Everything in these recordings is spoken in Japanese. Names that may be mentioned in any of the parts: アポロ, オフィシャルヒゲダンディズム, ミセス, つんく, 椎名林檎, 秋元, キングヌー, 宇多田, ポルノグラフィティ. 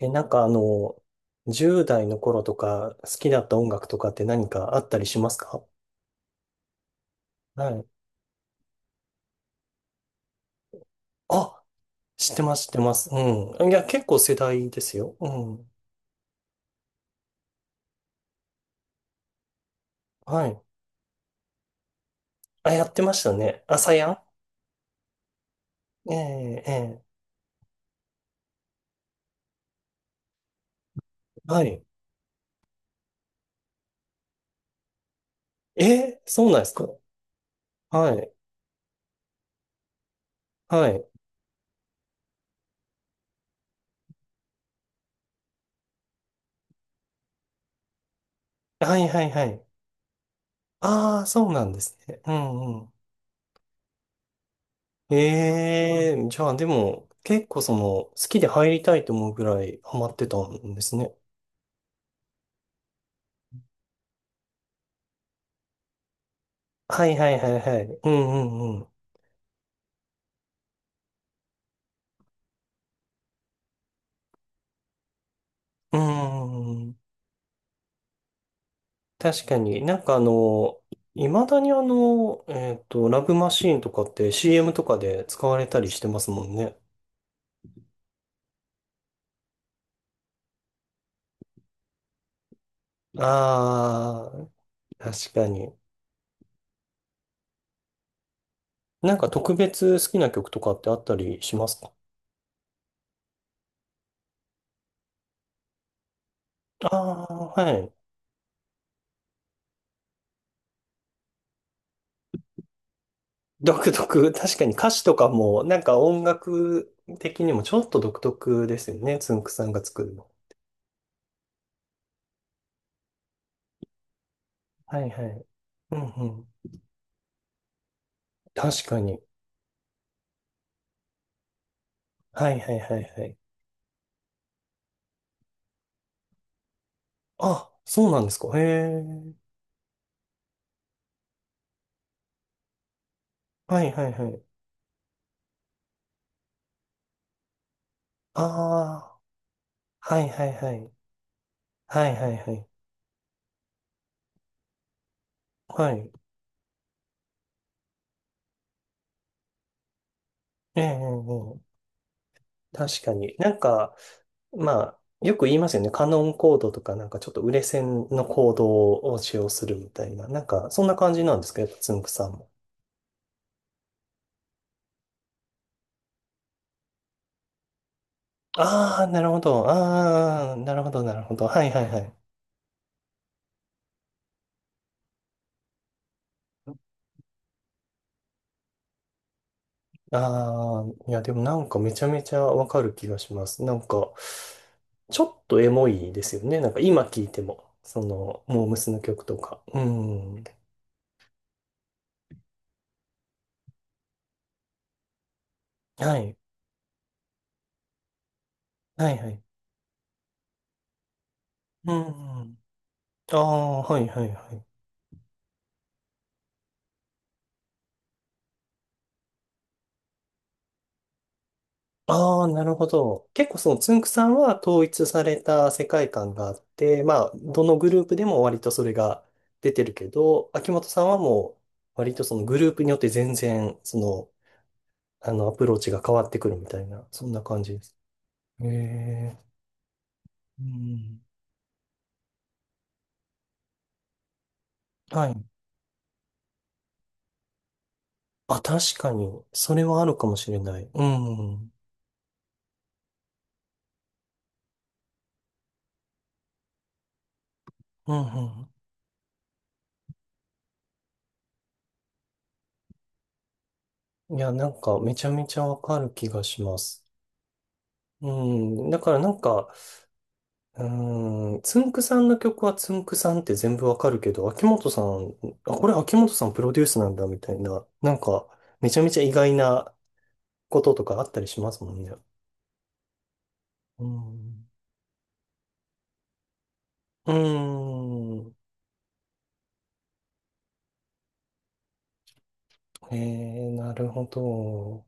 なんか10代の頃とか好きだった音楽とかって何かあったりしますか？はい。あ、知ってます、知ってます。うん。いや、結構世代ですよ。うん。はい。あ、やってましたね。朝やん。ええ、ええ。はい。そうなんですか？はい。はい。はいはいはい。ああ、そうなんですね。うんうん。ええ、じゃあでも、結構好きで入りたいと思うぐらいハマってたんですね。はいはいはいはい。うんうんうん。うーん。確かになんかいまだにラブマシーンとかって CM とかで使われたりしてますもんね。ああ、確かに。なんか特別好きな曲とかってあったりしますか？ああー、はい。独特。確かに歌詞とかも、なんか音楽的にもちょっと独特ですよね。つんくさんが作るの。はいはい。うんうん。確かに。はいはいはいはい。あ、そうなんですか。へえ。はいはいはい。ああ、はいはいはい。はいはいはい。はい。ええ、ええ、ええ。確かに。なんか、まあ、よく言いますよね。カノンコードとか、なんかちょっと売れ線のコードを使用するみたいな。なんか、そんな感じなんですか？やっぱつんくさんも。ああ、なるほど。ああ、なるほど、なるほど。はいはいはい。ああ、いや、でもなんかめちゃめちゃわかる気がします。なんか、ちょっとエモいですよね。なんか今聴いても、モームスの曲とか。うん。はい。はいはい。うんうん。ああ、はいはいはい。ああ、なるほど。結構そのつんくさんは統一された世界観があって、まあ、どのグループでも割とそれが出てるけど、秋元さんはもう割とそのグループによって全然、アプローチが変わってくるみたいな、そんな感じです。へえ。うん。はい。あ、確かに、それはあるかもしれない。うん。うんうん。いや、なんかめちゃめちゃわかる気がします。うん、だからなんか、うん、つんくさんの曲はつんくさんって全部わかるけど、秋元さん、あ、これ秋元さんプロデュースなんだみたいな、なんか、めちゃめちゃ意外なこととかあったりしますもんね。うん。うーん。えなるほど。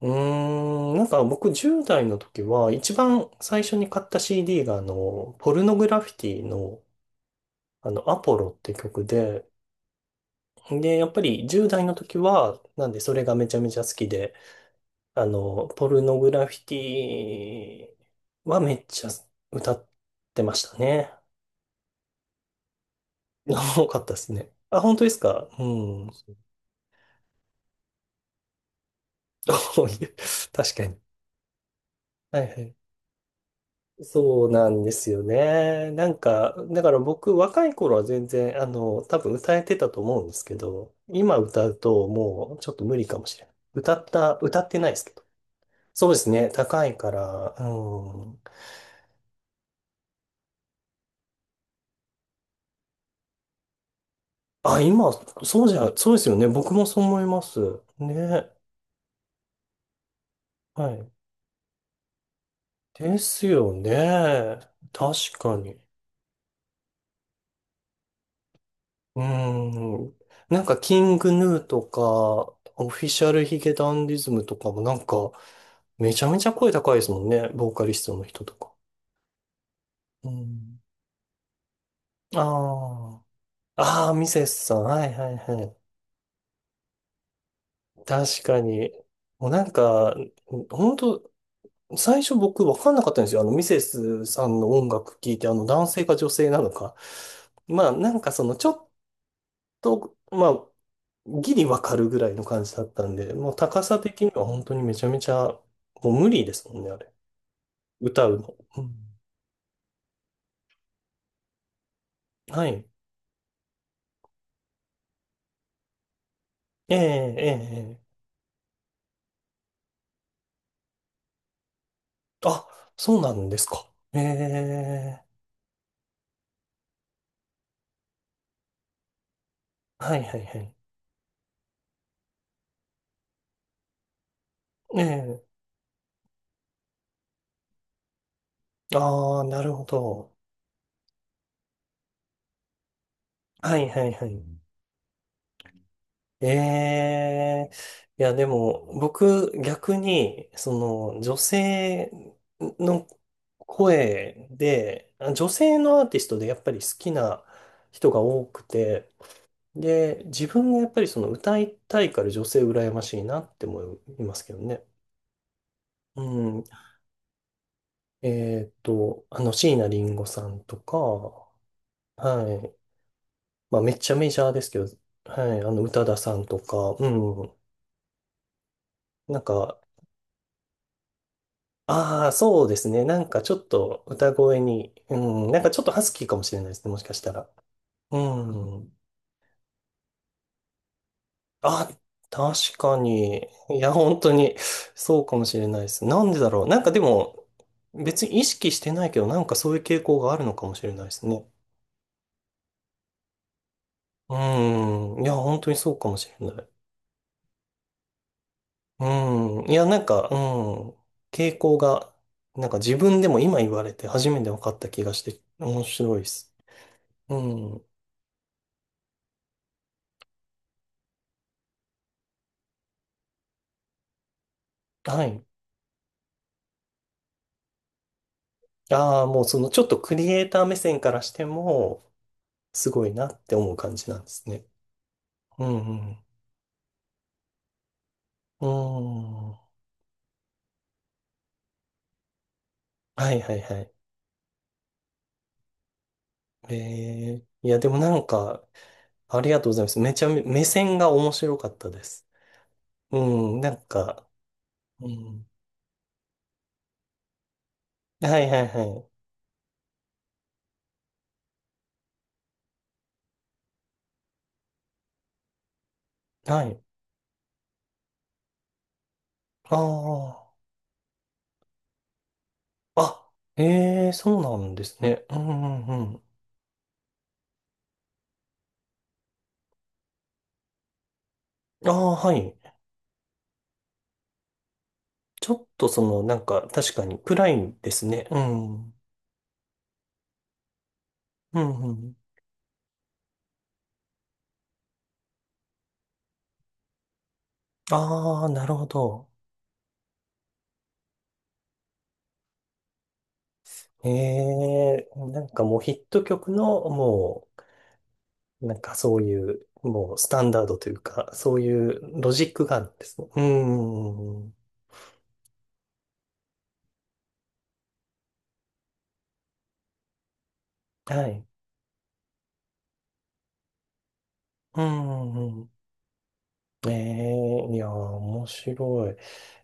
うーん、なんか僕10代の時は一番最初に買った CD がポルノグラフィティのアポロって曲で、で、やっぱり10代の時は、なんでそれがめちゃめちゃ好きで、ポルノグラフィティはめっちゃ歌ってましたね。多かったですね。あ、本当ですか？うん。そういう、確かに。はいはい。そうなんですよね。なんか、だから僕若い頃は全然、多分歌えてたと思うんですけど、今歌うともうちょっと無理かもしれない。歌ってないですけど。そうですね。高いから、うん。あ、今、そうじゃ、そうですよね。僕もそう思います。ね。はい。ですよね。確かに。うーん。なんか、キングヌーとか、オフィシャルヒゲダンディズムとかもなんか、めちゃめちゃ声高いですもんね。ボーカリストの人とか。うん。ああ。ああ、ミセスさん。はいはいはい。確かに。もうなんか、本当。最初僕分かんなかったんですよ。ミセスさんの音楽聴いて、男性か女性なのか。まあ、なんかちょっと、まあ、ギリ分かるぐらいの感じだったんで、もう高さ的には本当にめちゃめちゃ、もう無理ですもんね、あれ。歌うの。うん、はい。ええええええ。あ、そうなんですか。ええ。はいはいはい。ええ。ああ、なるほど。はいはいはい。ええ、いや、でも、僕、逆に、女性の声で、女性のアーティストでやっぱり好きな人が多くて、で、自分がやっぱりその歌いたいから女性羨ましいなって思いますけどね。うん。椎名林檎さんとか、はい。まあ、めっちゃメジャーですけど、はい。宇多田さんとか、うん。なんか、ああ、そうですね。なんかちょっと歌声に、うん、なんかちょっとハスキーかもしれないですね。もしかしたら。うん。あ、確かに。いや、本当に、そうかもしれないです。なんでだろう。なんかでも、別に意識してないけど、なんかそういう傾向があるのかもしれないですね。うん。いや、本当にそうかもしれない。うん。いや、なんか、うん。傾向が、なんか自分でも今言われて初めて分かった気がして、面白いです。うん。はい。ああ、もうそのちょっとクリエイター目線からしても、すごいなって思う感じなんですね。うんうん。うん。はいはいはい。いやでもなんか、ありがとうございます。めちゃめ、目線が面白かったです。うん、なんか、うん。はいはいはい。はい。ああ。あ、ええー、そうなんですね。うんうんうん。ああ、はい。ちょっとなんか、確かに暗いですね。うん。うんうん。ああ、なるほど。ええ。なんかもうヒット曲の、もう、なんかそういう、もうスタンダードというか、そういうロジックがあるんですね。うーん。はい。うーん。うん。ええ。いやー、面白い。い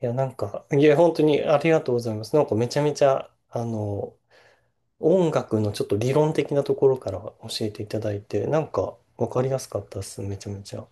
や、なんか、いや、本当にありがとうございます。なんかめちゃめちゃ、音楽のちょっと理論的なところから教えていただいて、なんかわかりやすかったっす。めちゃめちゃ。